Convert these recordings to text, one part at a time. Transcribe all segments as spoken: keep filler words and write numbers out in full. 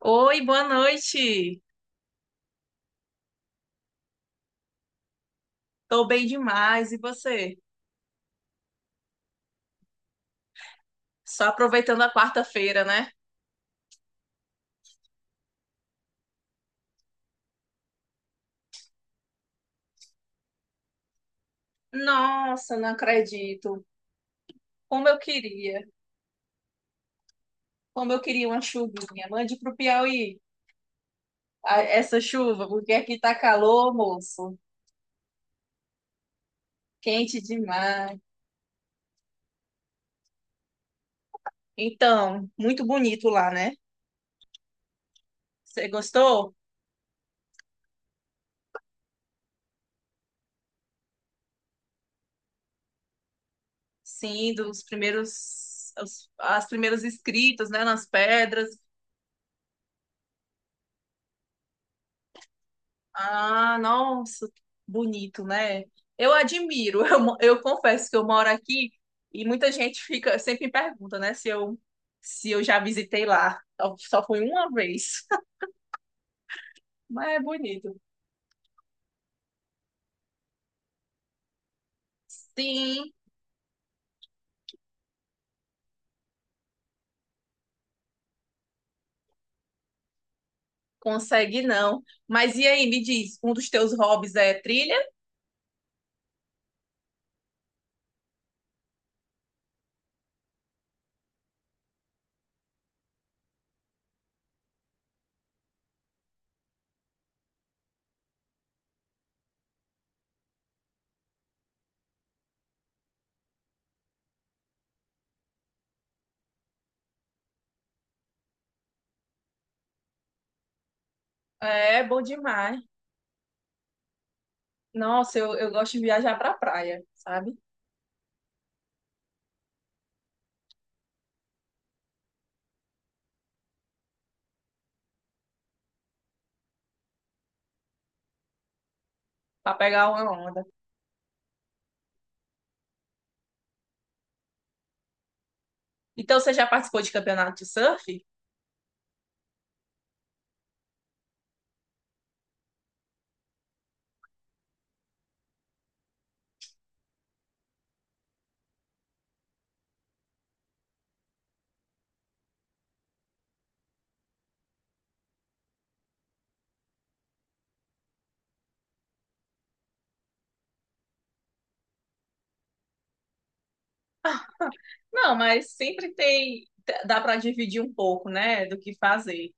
Oi, boa noite. Tô bem demais. E você? Só aproveitando a quarta-feira, né? Nossa, não acredito. Como eu queria. Como eu queria uma chuvinha. Mande pro Piauí a- essa chuva, porque aqui tá calor, moço. Quente demais. Então, muito bonito lá, né? Você gostou? Sim, dos primeiros, os- as primeiras escritas, né, nas pedras. Ah, nossa, bonito, né? Eu admiro. Eu, mo- eu confesso que eu moro aqui e muita gente fica sempre me pergunta, né, se eu se eu já visitei lá. Só só fui uma vez, mas é bonito. Sim, consegue não. Mas e aí, me diz, um dos teus hobbies é trilha? É bom demais. Nossa, eu, eu gosto de viajar pra praia, sabe? Pra pegar uma onda. Então, você já participou de campeonato de surf? Não, mas sempre tem. Dá pra dividir um pouco, né? Do que fazer.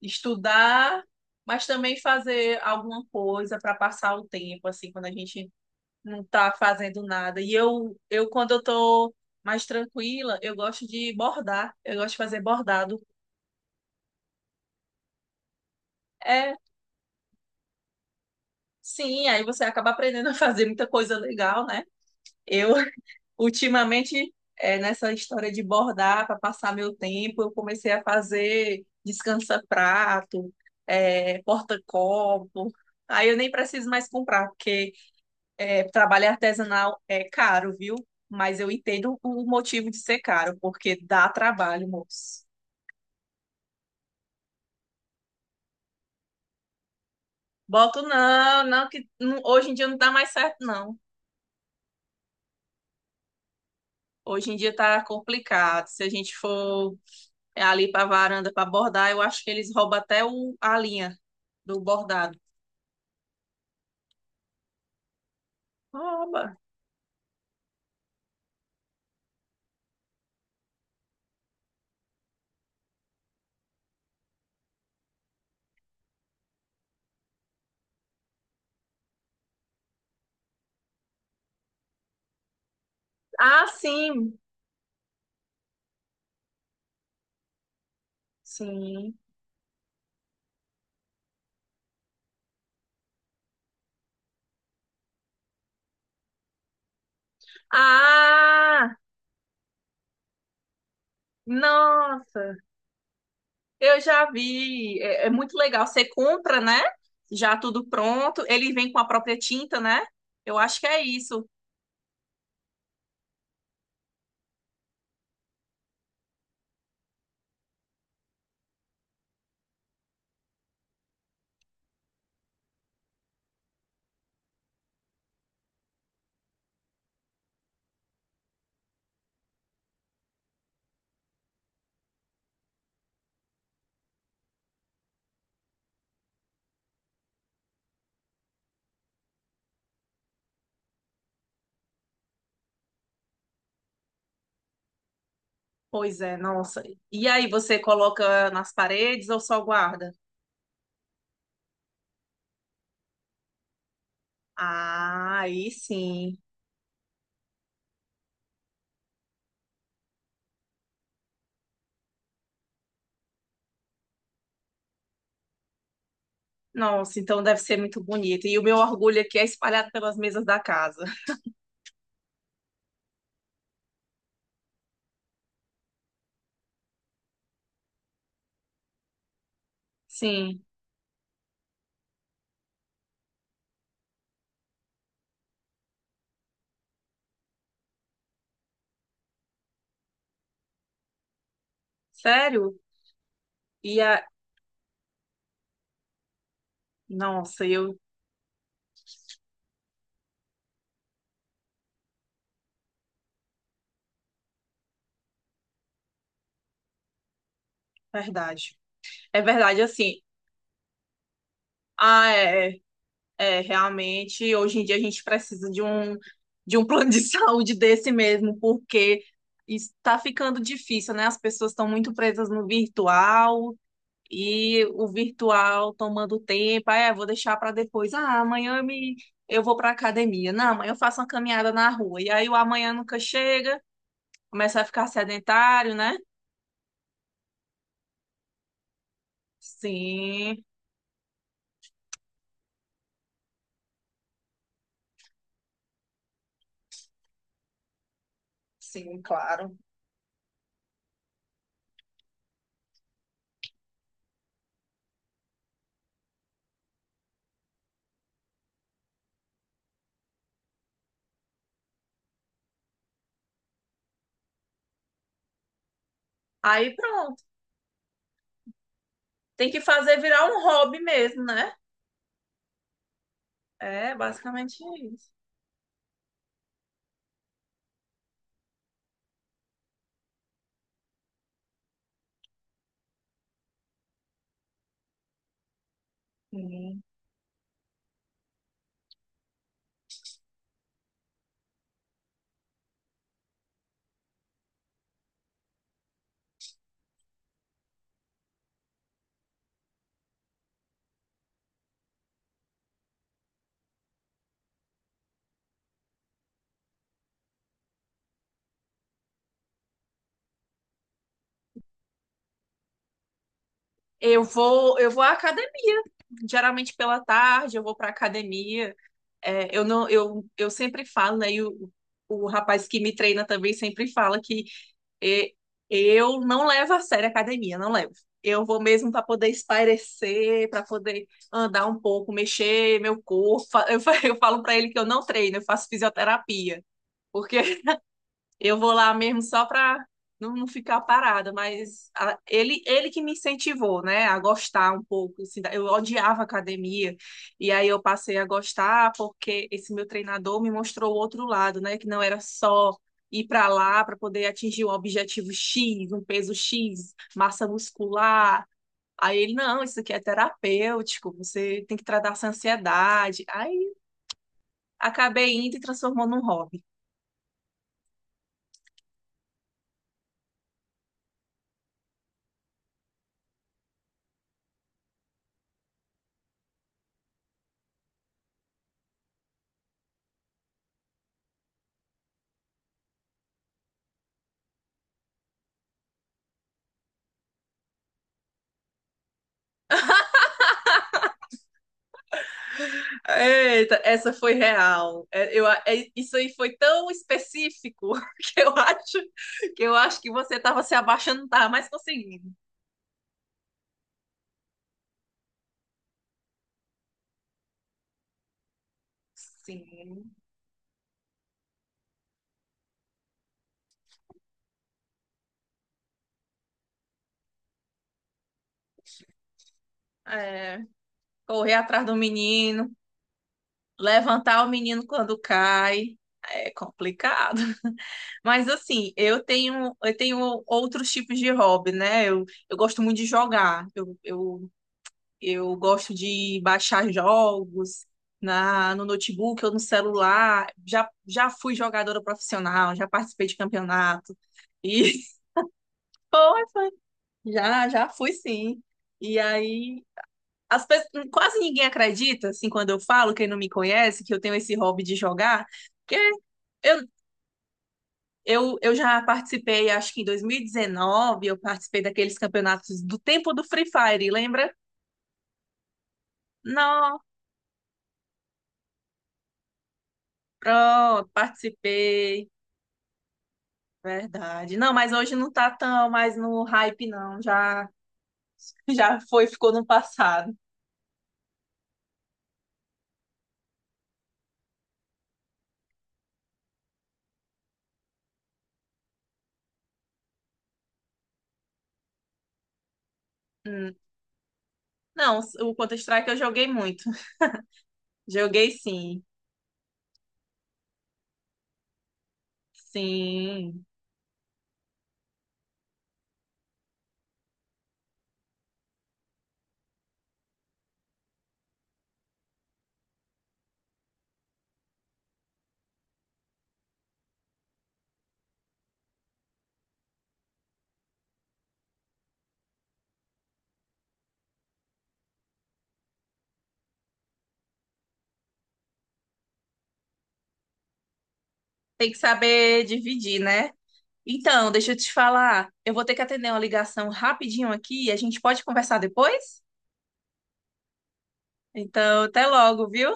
Estudar, mas também fazer alguma coisa pra passar o tempo, assim, quando a gente não tá fazendo nada. E eu, eu quando eu tô mais tranquila, eu gosto de bordar. Eu gosto de fazer bordado. É, sim, aí você acaba aprendendo a fazer muita coisa legal, né? Eu. Ultimamente, é, nessa história de bordar para passar meu tempo, eu comecei a fazer descansa-prato, é, porta-copo. Aí eu nem preciso mais comprar, porque é, trabalho artesanal é caro, viu? Mas eu entendo o motivo de ser caro, porque dá trabalho, moço. Boto não, não que não- hoje em dia não dá mais certo, não. Hoje em dia tá complicado. Se a gente for ali para a varanda para bordar, eu acho que eles roubam até o, a linha do bordado. Rouba. Ah, sim. Sim. Ah, nossa. Eu já vi. É, é muito legal. Você compra, né? Já tudo pronto. Ele vem com a própria tinta, né? Eu acho que é isso. Pois é, nossa. E aí você coloca nas paredes ou só guarda? Ah, aí sim. Nossa, então deve ser muito bonito. E o meu orgulho aqui é espalhado pelas mesas da casa. Sim, sério? E a... Nossa, eu... Verdade. É verdade, assim. Ah, é, é, é, realmente, hoje em dia a gente precisa de um, de um plano de saúde desse mesmo, porque está ficando difícil, né? As pessoas estão muito presas no virtual e o virtual tomando tempo. Ah, é, vou deixar para depois. Ah, amanhã eu me... eu vou para academia. Não, amanhã eu faço uma caminhada na rua. E aí o amanhã nunca chega, começa a ficar sedentário, né? Sim. Sim, claro. Aí pronto. Tem que fazer virar um hobby mesmo, né? É basicamente isso. Sim. Eu vou, eu vou à academia. Geralmente pela tarde eu vou para academia. É, eu não, eu, eu sempre falo, né? E o, o rapaz que me treina também sempre fala que é, eu não levo a sério a academia, não levo. Eu vou mesmo para poder espairecer, para poder andar um pouco, mexer meu corpo. Fa- Eu, fa- eu falo para ele que eu não treino, eu faço fisioterapia, porque eu vou lá mesmo só para não, não ficar parada, mas a- ele, ele que me incentivou, né, a gostar um pouco. Assim, da- eu odiava academia, e aí eu passei a gostar porque esse meu treinador me mostrou o outro lado, né, que não era só ir para lá para poder atingir um objetivo X, um peso X, massa muscular. Aí ele, não, isso aqui é terapêutico, você tem que tratar essa ansiedade. Aí acabei indo e transformou num hobby. Eita, essa foi real. É, eu, a- é- isso aí foi tão específico que eu acho que eu acho que você estava se abaixando, não estava mais conseguindo. Sim. É, correr atrás do menino, levantar o menino quando cai. É complicado. Mas assim, eu tenho eu tenho outros tipos de hobby, né? Eu, eu gosto muito de jogar. Eu, eu eu gosto de baixar jogos na, no notebook ou no celular. Já, já fui jogadora profissional, já participei de campeonato. E foi, foi. Já, já fui sim. E aí, as pessoas, quase ninguém acredita, assim, quando eu falo, quem não me conhece, que eu tenho esse hobby de jogar, porque eu, eu, eu já participei, acho que em dois mil e dezenove, eu participei daqueles campeonatos do tempo do Free Fire, lembra? Não, pronto, participei. Verdade. Não, mas hoje não tá tão mais no hype, não. Já, já foi, ficou no passado. Hum. Não, o Counter-Strike eu joguei muito. Joguei sim. Sim. Tem que saber dividir, né? Então, deixa eu te falar. Eu vou ter que atender uma ligação rapidinho aqui e a gente pode conversar depois? Então, até logo, viu?